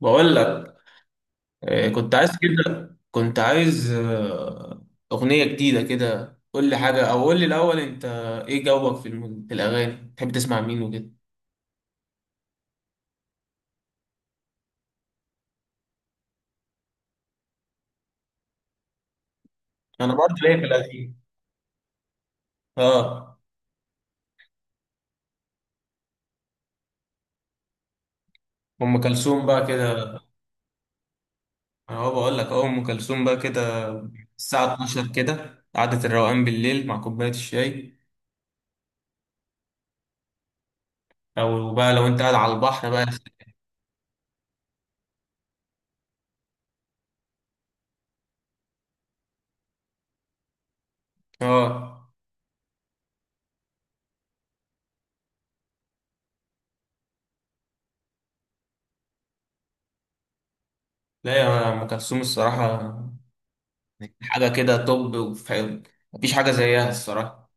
بقول لك. كنت عايز كده، كنت عايز أغنية جديدة كده. قول لي حاجة، أو قول لي الأول أنت إيه جوك في في الأغاني بتحب تسمع مين وكده. أنا برضه ليا في القديم، آه. أم كلثوم بقى كده. أنا هو بقول لك أهو أم كلثوم بقى كده، الساعة 12 كده، قعدة الروقان بالليل مع كوباية الشاي، أو بقى لو أنت قاعد على البحر بقى. آه، لا يا أم كلثوم الصراحة حاجة كده توب، مفيش حاجة زيها الصراحة.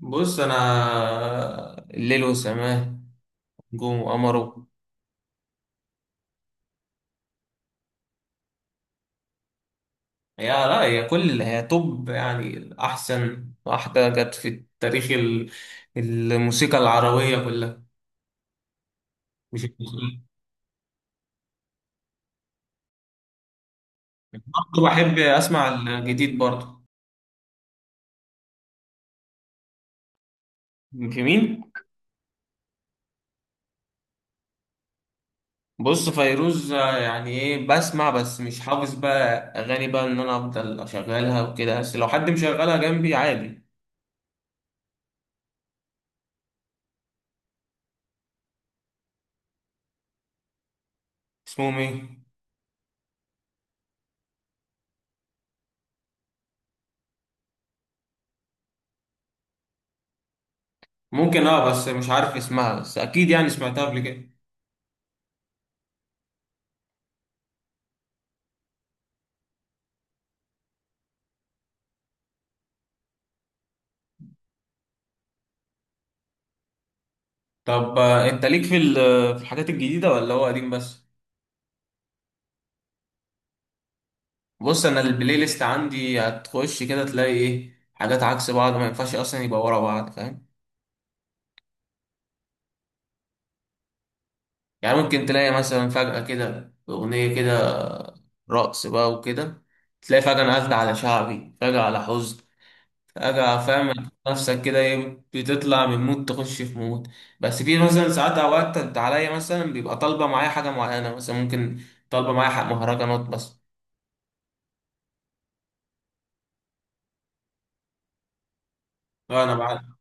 بص انا، الليل وسماه، نجوم وقمره. هي، لا هي كل، هي توب يعني، احسن واحده جت في تاريخ الموسيقى العربيه كلها. مش برضه؟ بحب اسمع الجديد برضه. جميل. بص فيروز، يعني ايه، بسمع بس مش حافظ بقى اغاني بقى، ان انا افضل اشغلها وكده، بس لو حد مشغلها جنبي عادي. اسمهم ايه؟ ممكن اه، بس مش عارف اسمها، بس اكيد يعني سمعتها قبل كده. طب انت ليك في في الحاجات الجديده ولا هو قديم بس؟ بص انا البلاي ليست عندي هتخش كده تلاقي ايه، حاجات عكس بعض ما ينفعش اصلا يبقى ورا بعض، فاهم؟ يعني ممكن تلاقي مثلا فجاه كده اغنيه كده رقص بقى وكده، تلاقي فجاه انا قاعد على شعبي، فجاه على حزن، فجاه، فاهم؟ نفسك كده ايه، بتطلع من مود تخش في مود. بس في مثلا ساعات، اوقات انت عليا مثلا بيبقى طالبه معايا حاجه معينه، مثلا ممكن طالبه معايا حق مهرجانات بس. انا بع-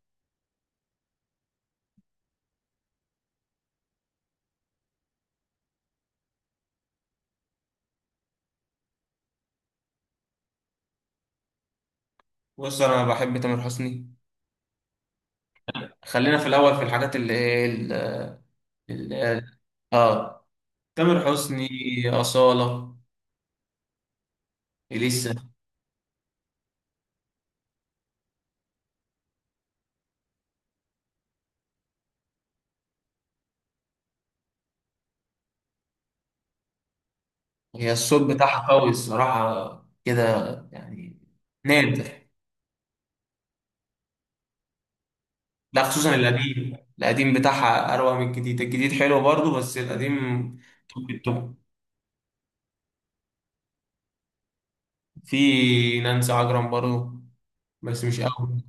بص انا بحب تامر حسني. خلينا في الاول في الحاجات اللي ايه ال- اه، تامر حسني، أصالة، إليسا. هي الصوت بتاعها قوي الصراحة كده، يعني نادر. لا خصوصا القديم، القديم بتاعها أروع من الجديد، الجديد حلو برضه بس القديم توب التوب. في نانسي عجرم برضه، بس مش قوي.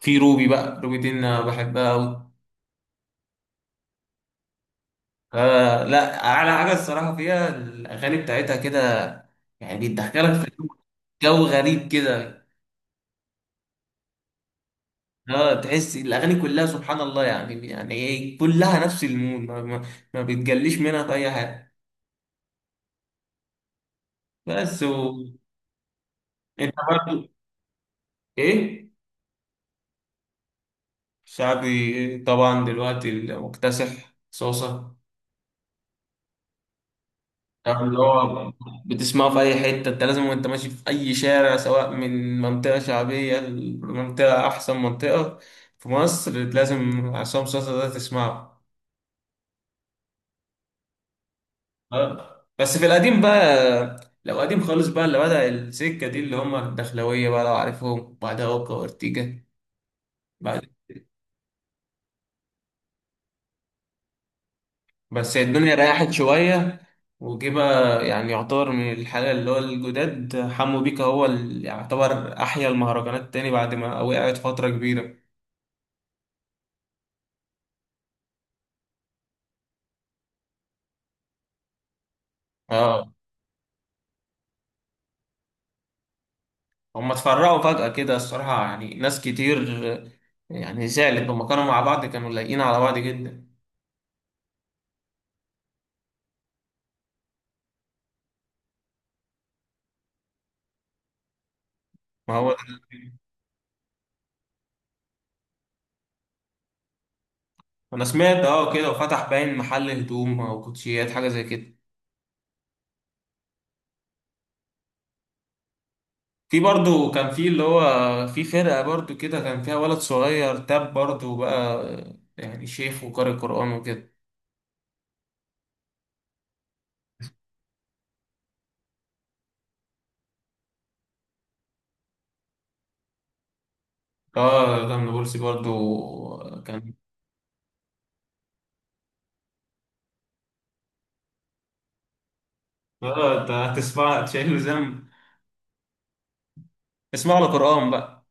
في روبي بقى، روبي دي أنا بحبها أوي. آه، لا اعلى حاجه الصراحه فيها، الاغاني بتاعتها كده يعني بتدخلك في جو، جو غريب كده. اه تحس الاغاني كلها سبحان الله، يعني يعني ايه، كلها نفس المود، ما بتجليش منها في اي حاجه. بس و... انت برضو ايه؟ شعبي طبعا دلوقتي المكتسح صوصه، يعني اللي هو بتسمعه في أي حتة. أنت لازم وأنت ماشي في أي شارع، سواء من منطقة شعبية لمنطقة أحسن منطقة في مصر، لازم عصام صاصا ده تسمعه. أه بس في القديم بقى، لو قديم خالص بقى، اللي بدأ السكة دي اللي هم الدخلوية بقى لو عارفهم، بعدها أوكا وأورتيجا، بعد. بس الدنيا ريحت شوية. وجه بقى يعني يعتبر من الحالة اللي هو الجداد، حمو بيكا هو اللي يعتبر أحيا المهرجانات تاني بعد ما وقعت فترة كبيرة. اه هم اتفرقوا فجأة كده الصراحة، يعني ناس كتير آه، يعني زعلت. لما كانوا مع بعض كانوا لايقين على بعض جدا. ما هو ده، انا سمعت اه كده وفتح باين محل هدوم او كوتشيات حاجة زي كده. في برضو كان في اللي هو في فرقة برضو كده، كان فيها ولد صغير تاب برضو بقى، يعني شيخ وقارئ قرآن وكده. اه ده من بولسي برضو كان. اه انت هتسمع تشيل له ذنب، اسمع له قرآن بقى.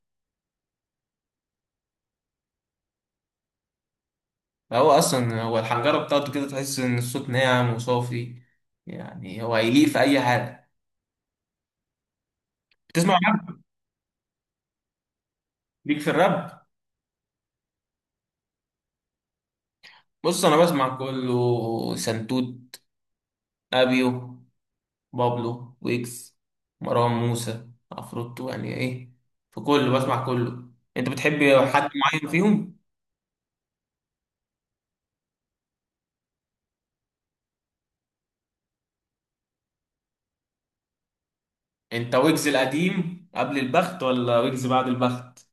هو اصلا هو الحنجره بتاعته كده، تحس ان الصوت ناعم وصافي، يعني هو هيليق في اي حاجه. بتسمع راب؟ ليك في الراب؟ بص انا بسمع كله، سنتوت، ابيو، بابلو، ويجز، مروان موسى، عفروتو، يعني ايه، في كله بسمع كله. انت بتحب حد معين فيهم؟ انت ويجز القديم قبل البخت ولا ويجز بعد البخت؟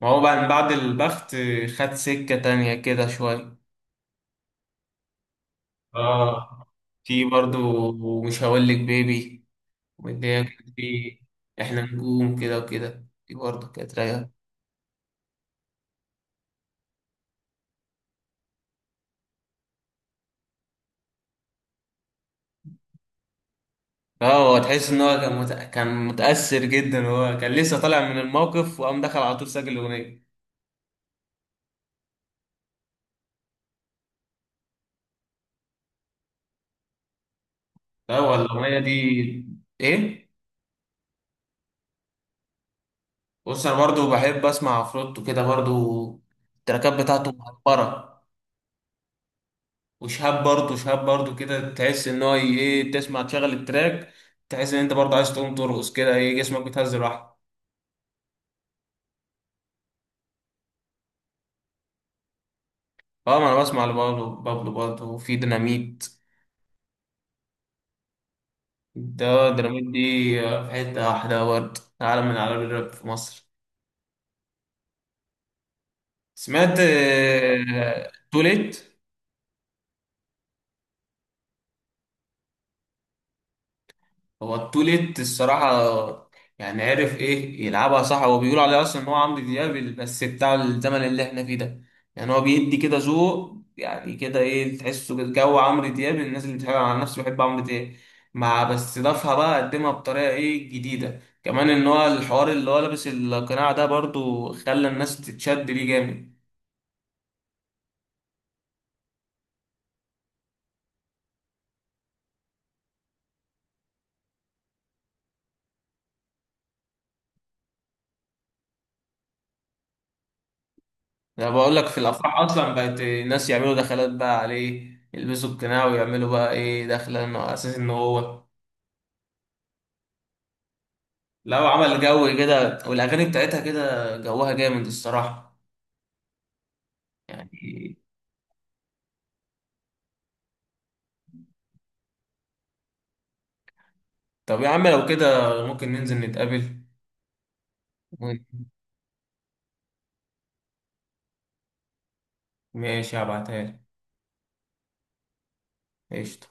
ما هو بعد بعد البخت خد سكه تانية كده شويه. اه في برضو، ومش هقول لك بيبي، واللي هي كانت في احنا نجوم كده وكده، دي برضو كانت رايقة. اه هو تحس ان هو كان كان متأثر جدا، هو كان لسه طالع من الموقف وقام دخل على طول سجل الأغنية. لا هو الأغنية دي ايه. بص انا برضو بحب اسمع عفروتو كده برضو، التراكات بتاعته مهبرة. وشهاب برضو، شهاب برضو كده تحس ان هو ايه، تسمع تشغل التراك تحس ان انت برضو عايز تقوم ترقص كده، ايه جسمك بيتهز لوحده. اه ما انا بسمع لبابلو، بابلو برضه. وفي ديناميت، ده ديناميت دي آه، في حتة واحدة برضه، عالم من أعلام الراب في مصر. سمعت آه، توليت. هو التوليت الصراحة يعني عرف ايه يلعبها صح. هو بيقول عليه اصلا ان هو عمرو دياب بس بتاع الزمن اللي احنا فيه ده، يعني هو بيدي كده ذوق، يعني كده ايه، تحسه كده جو عمرو دياب. الناس اللي بتحب، على نفسي بحب عمرو دياب، مع بس ضافها بقى قدمها بطريقة ايه جديدة كمان، ان هو الحوار اللي هو لابس القناع ده برضو خلى الناس تتشد ليه جامد. انا بقول لك في الافراح اصلا بقت الناس يعملوا دخلات بقى عليه، يلبسوا القناع ويعملوا بقى ايه دخلة، انه على اساس ان هو لو عمل جو كده والاغاني بتاعتها كده جوها جامد الصراحه، يعني طب يا عم لو كده ممكن ننزل نتقابل. ماشي هبعتها لك. قشطه.